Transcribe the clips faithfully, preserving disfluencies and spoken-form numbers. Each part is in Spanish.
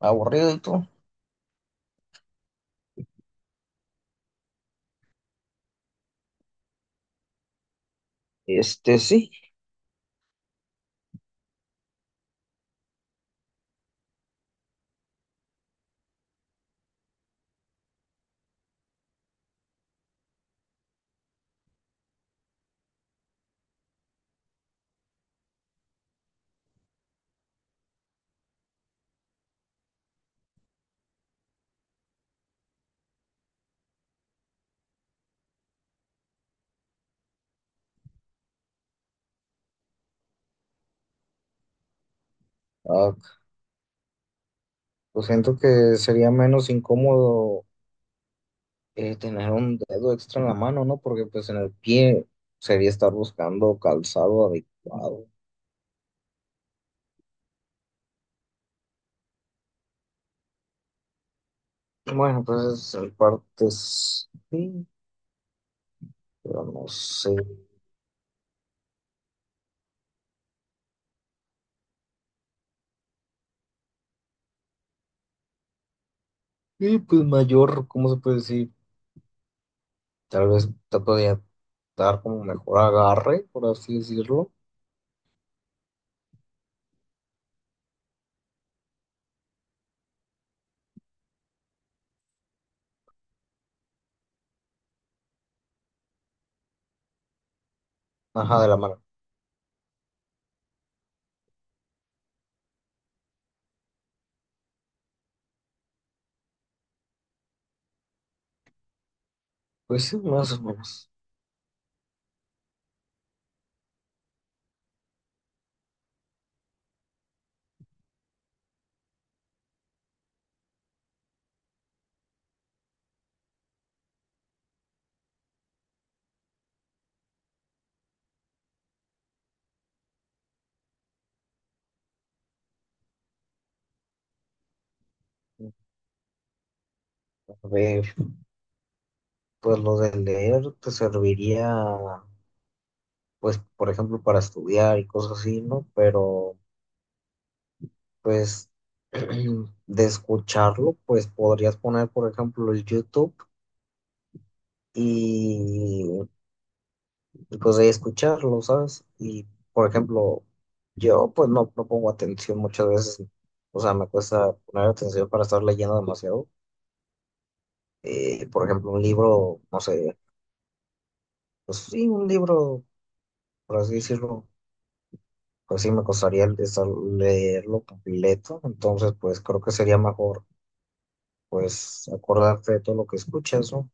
Aburrido y todo. Este sí, ah, pues siento que sería menos incómodo eh, tener un dedo extra en la mano, ¿no? Porque pues en el pie sería estar buscando calzado adecuado. Bueno, pues en partes sí, pero no sé. Y pues mayor, ¿cómo se puede decir? Tal vez te podría dar como mejor agarre, por así decirlo. Ajá, de la mano. Pues sí, más o menos. A ver, pues lo de leer te serviría pues, por ejemplo, para estudiar y cosas así, ¿no? Pero, pues, de escucharlo, pues podrías poner, por ejemplo, el YouTube y, y, pues ahí escucharlo, ¿sabes? Y, por ejemplo, yo pues no, no pongo atención muchas veces, o sea, me cuesta poner atención para estar leyendo demasiado. Eh, por ejemplo, un libro, no sé, pues sí, un libro, por así decirlo, pues sí, me costaría el- estar- leerlo completo. Entonces pues creo que sería mejor pues acordarte de todo lo que escuchas, ¿no?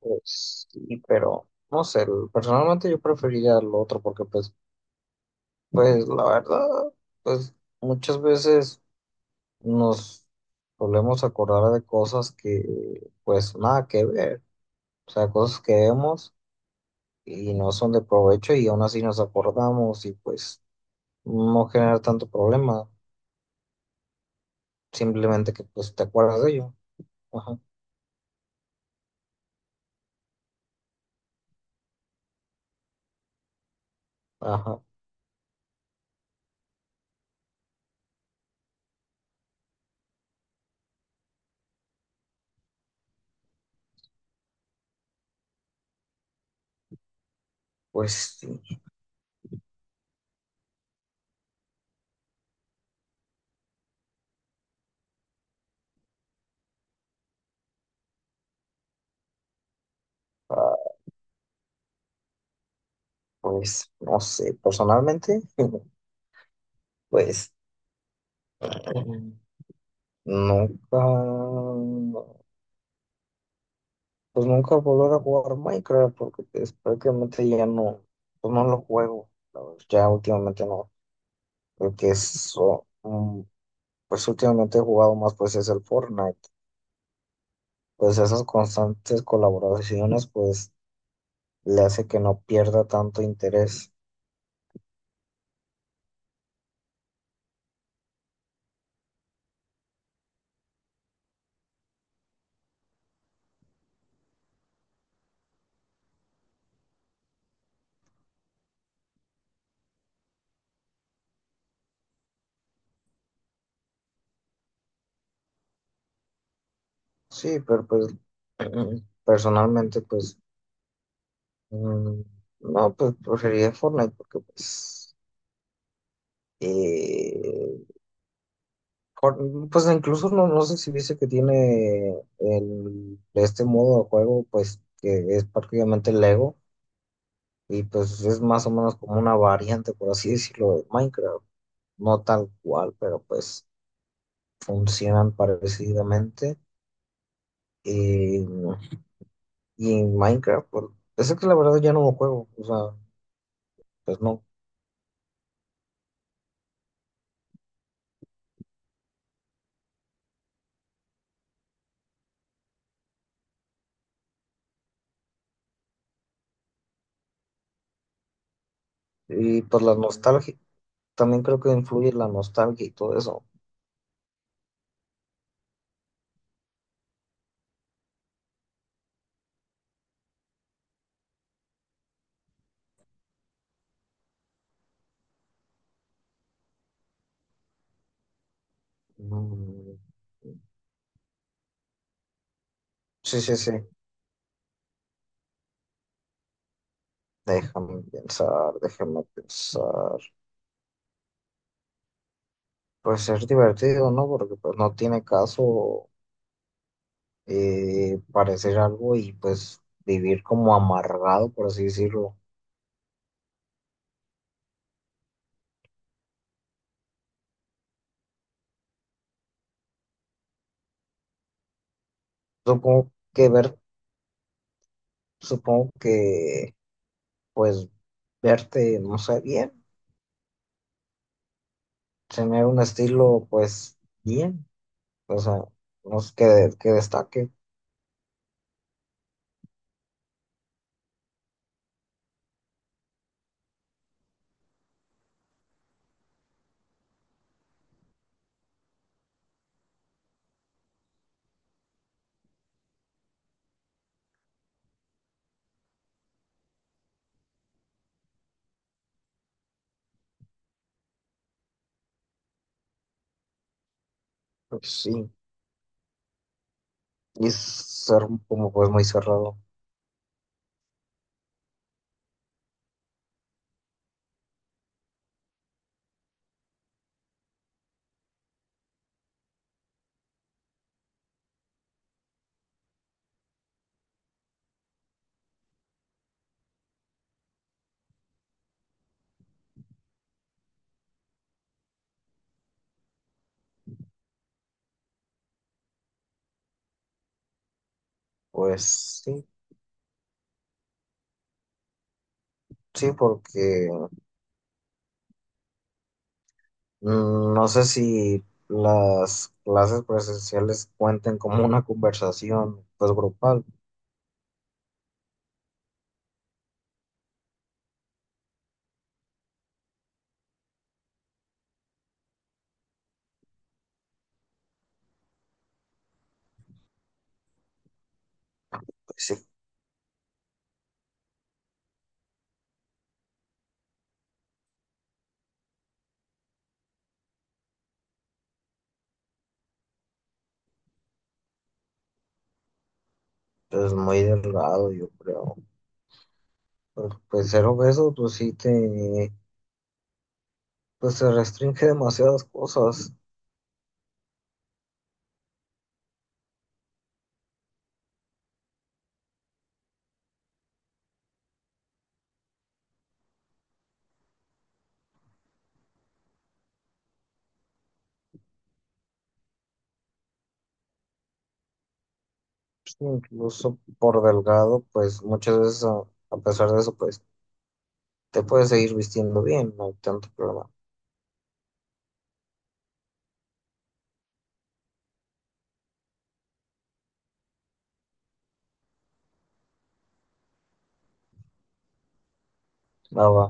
Pues sí, pero no sé, personalmente yo preferiría lo otro porque pues, pues la verdad, pues muchas veces nos solemos acordar de cosas que pues nada que ver, o sea, cosas que vemos y no son de provecho y aún así nos acordamos y pues no genera tanto problema, simplemente que pues te acuerdas de ello. Ajá, ajá, pues sí, ah, pues no sé, personalmente. Pues mm, nunca, pues nunca volver a jugar Minecraft porque pues, prácticamente ya no, pues no lo juego. La verdad, ya últimamente no, porque eso, mm, pues últimamente he jugado más pues es el Fortnite. Pues esas constantes colaboraciones pues le hace que no pierda tanto interés. Sí, pero pues personalmente pues mm, no, pues preferiría Fortnite porque pues... eh, Cor- Pues incluso no, no sé si dice que tiene el, este modo de juego, pues que es prácticamente Lego y pues es más o menos como una variante, por así decirlo, de Minecraft. No tal cual, pero pues funcionan parecidamente. Y, y en Minecraft, pues, es que la verdad ya no lo juego, o sea, pues no. Y pues la nostalgia, también creo que influye la nostalgia y todo eso. Mm. Sí, sí, sí. Déjame pensar, déjame pensar. Pues es divertido, ¿no? Porque pues no tiene caso eh, parecer algo y pues vivir como amargado, por así decirlo. Supongo que ver, supongo que pues verte, no sé, bien, tener un estilo pues bien, o sea, no es que, que destaque, pues sí, y ser como pues muy cerrado, pues sí, sí, porque... Mm, no sé si las clases presenciales cuenten como una conversación, pues grupal, pues sí, es muy delgado, yo creo. Pero, pues ser obeso, pues sí te, pues se restringe demasiadas cosas, incluso por delgado, pues muchas veces a, a pesar de eso, pues te puedes seguir vistiendo bien, no hay tanto problema. Nada,